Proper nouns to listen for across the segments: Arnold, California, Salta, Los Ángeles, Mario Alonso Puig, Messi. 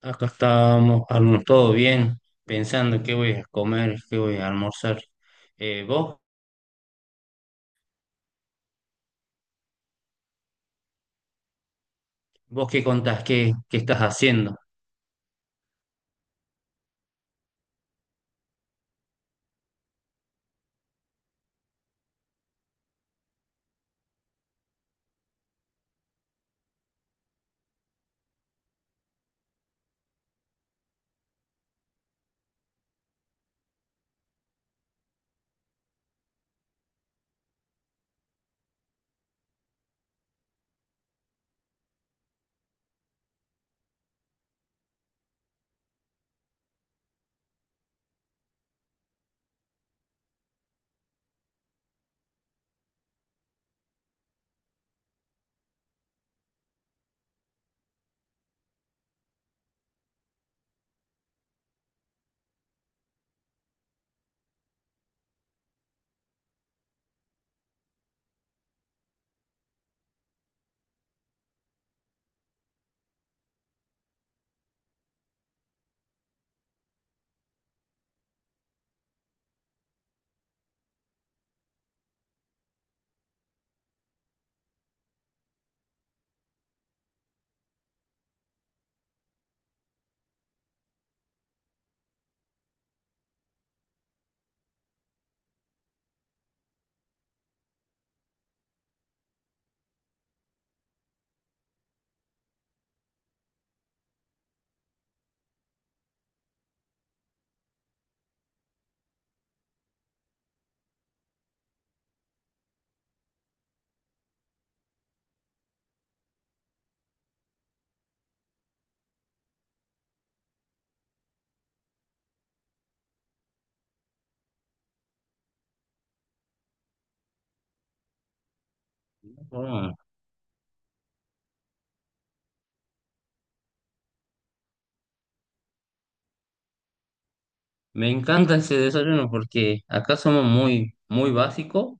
Acá estábamos, todo bien, pensando qué voy a comer, qué voy a almorzar. ¿Vos? ¿Vos qué contás? ¿Qué estás haciendo? Mm, me encanta ese desayuno porque acá somos muy básicos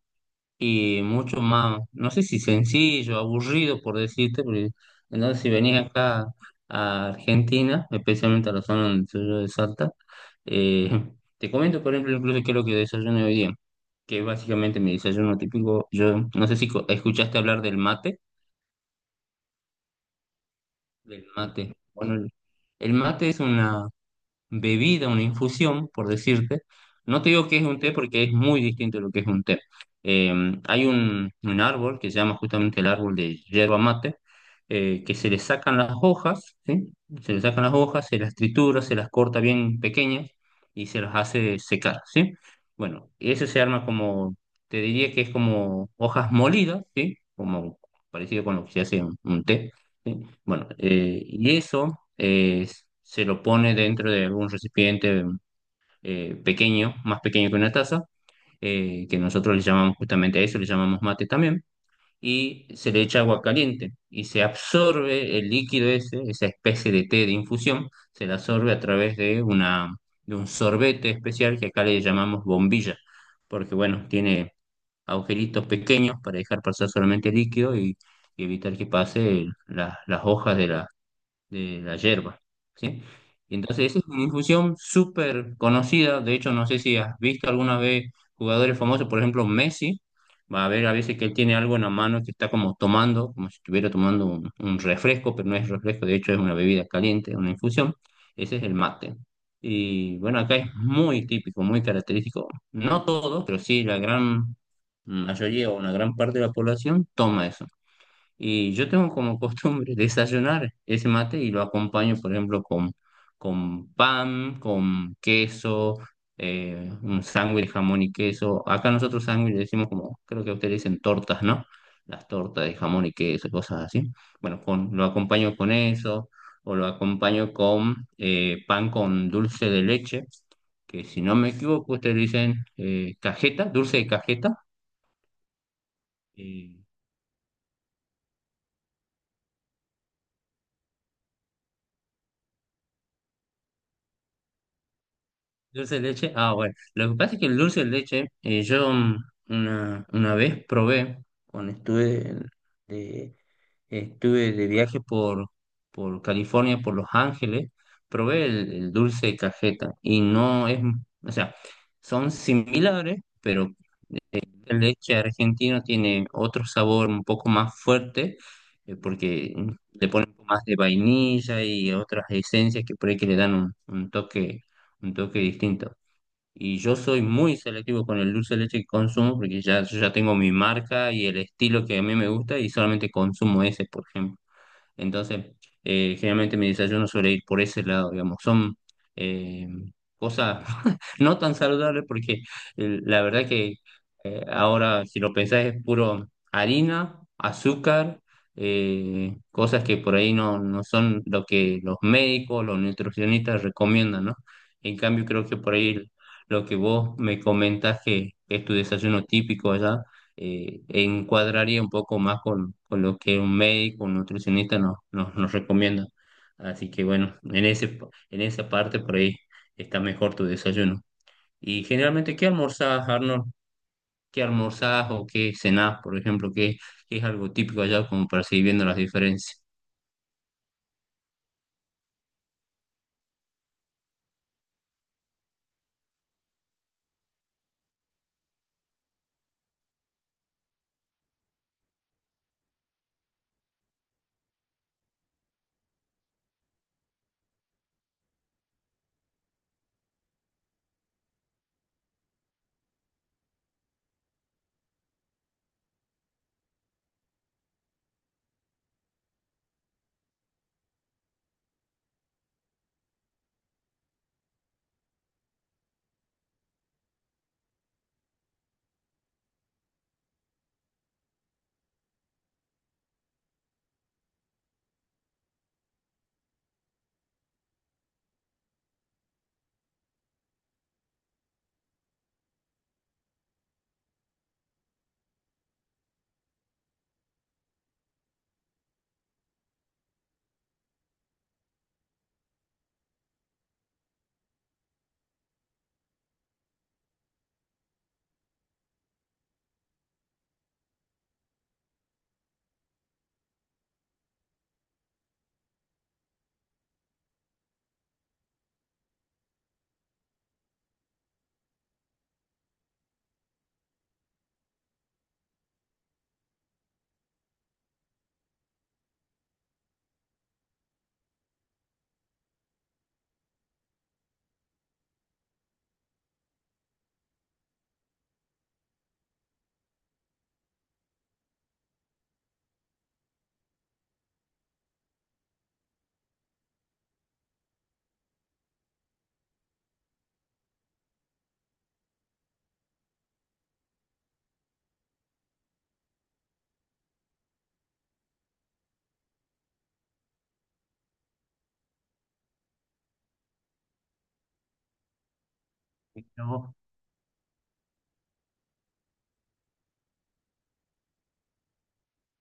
y mucho más, no sé si sencillo, aburrido por decirte, porque entonces si venís acá a Argentina, especialmente a la zona donde soy yo de Salta, eh, te comento, por ejemplo, incluso qué es lo que desayuno hoy día, que es básicamente mi desayuno típico. Yo no sé si escuchaste hablar del mate, bueno, el mate es una bebida, una infusión, por decirte. No te digo que es un té porque es muy distinto de lo que es un té. Eh, Hay un árbol que se llama justamente el árbol de yerba mate, que se le sacan las hojas, ¿sí? Se le sacan las hojas, se las tritura, se las corta bien pequeñas y se las hace secar, ¿sí? Bueno, ese se arma como, te diría que es como hojas molidas, ¿sí? Como parecido con lo que se hace un té, ¿sí? Bueno, y eso eh, se lo pone dentro de un recipiente pequeño, más pequeño que una taza, que nosotros le llamamos justamente a eso, le llamamos mate también, y se le echa agua caliente y se absorbe el líquido ese, esa especie de té de infusión, se la absorbe a través de una, de un sorbete especial que acá le llamamos bombilla, porque bueno, tiene agujeritos pequeños para dejar pasar solamente el líquido y evitar que pase las hojas de la yerba, ¿sí? Y entonces esa es una infusión súper conocida. De hecho, no sé si has visto alguna vez jugadores famosos, por ejemplo Messi, va a ver a veces que él tiene algo en la mano que está como tomando, como si estuviera tomando un refresco, pero no es refresco, de hecho es una bebida caliente, una infusión, ese es el mate. Y bueno, acá es muy típico, muy característico, no todos, pero sí la gran mayoría o una gran parte de la población toma eso. Y yo tengo como costumbre desayunar ese mate y lo acompaño, por ejemplo, con pan, con queso, un sándwich de jamón y queso. Acá nosotros sándwich le decimos como, creo que ustedes dicen tortas, ¿no? Las tortas de jamón y queso, cosas así. Bueno, con, lo acompaño con eso o lo acompaño con pan con dulce de leche, que si no me equivoco, ustedes dicen cajeta. eh, Dulce de leche, ah, bueno, lo que pasa es que el dulce de leche, yo una vez probé, cuando de, estuve de viaje por California, por Los Ángeles, probé el dulce de cajeta y no es, o sea, son similares, pero el leche argentino tiene otro sabor un poco más fuerte, porque le ponen un poco más de vainilla y otras esencias que por ahí que le dan un toque, un toque distinto. Y yo soy muy selectivo con el dulce de leche que consumo porque ya, yo ya tengo mi marca y el estilo que a mí me gusta y solamente consumo ese, por ejemplo. Entonces, generalmente mi desayuno suele ir por ese lado, digamos. Son eh, cosas no tan saludables porque la verdad que ahora, si lo pensás, es puro harina, azúcar, cosas que por ahí no son lo que los médicos, los nutricionistas recomiendan, ¿no? En cambio, creo que por ahí lo que vos me comentás que es tu desayuno típico allá encuadraría un poco más con lo que un médico, un nutricionista nos recomienda. Así que bueno, en ese, en esa parte por ahí está mejor tu desayuno. Y generalmente, ¿qué almorzás, Arnold? ¿Qué almorzás o qué cenás, por ejemplo? ¿Qué, qué es algo típico allá como para seguir viendo las diferencias?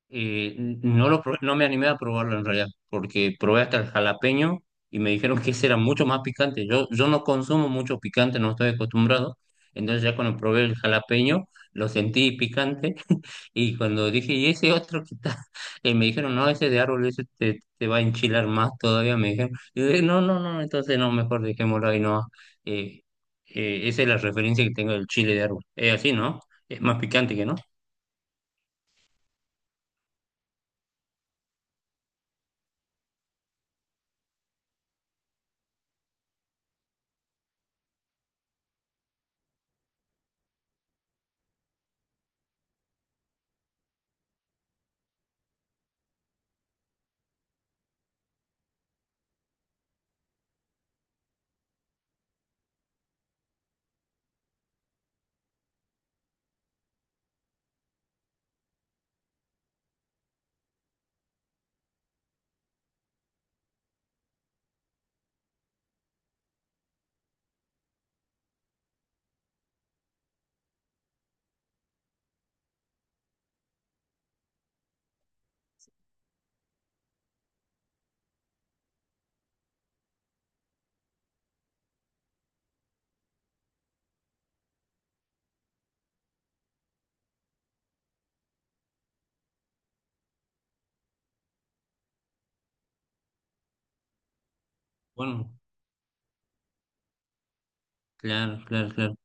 Eh, no lo probé, no me animé a probarlo en realidad, porque probé hasta el jalapeño y me dijeron que ese era mucho más picante. Yo no consumo mucho picante, no estoy acostumbrado. Entonces ya cuando probé el jalapeño, lo sentí picante. Y cuando dije, ¿y ese otro que está? Me dijeron, no, ese de árbol, ese te va a enchilar más todavía, me dijeron. Y dije, no, no, no, entonces no, mejor dejémoslo ahí, no. Eh, Esa es la referencia que tengo del chile de árbol. Es así, ¿no? Es más picante que no. Bueno, claro, claro, claro.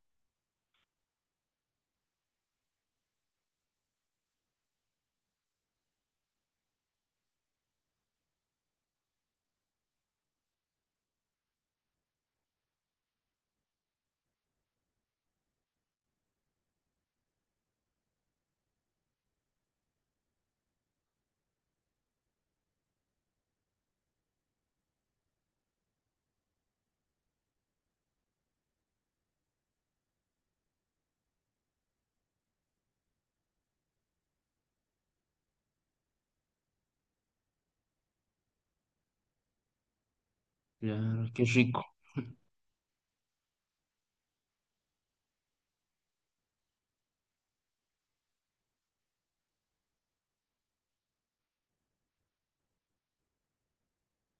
Claro, qué rico.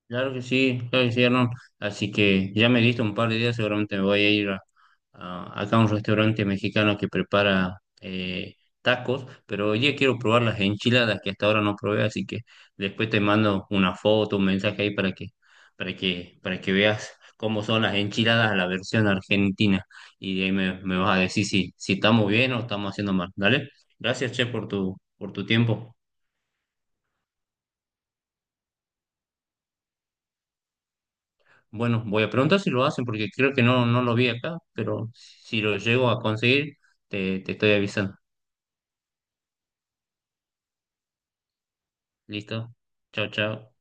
Claro que sí, Arnold. Así que ya me diste un par de días, seguramente me voy a ir a, acá a un restaurante mexicano que prepara tacos, pero hoy día quiero probar las enchiladas que hasta ahora no probé, así que después te mando una foto, un mensaje ahí para que, para que veas cómo son las enchiladas a la versión argentina. Y de ahí me vas a decir si, si estamos bien o estamos haciendo mal. ¿Dale? Gracias, Che, por por tu tiempo. Bueno, voy a preguntar si lo hacen porque creo que no, no lo vi acá, pero si lo llego a conseguir, te estoy avisando. ¿Listo? Chao, chao.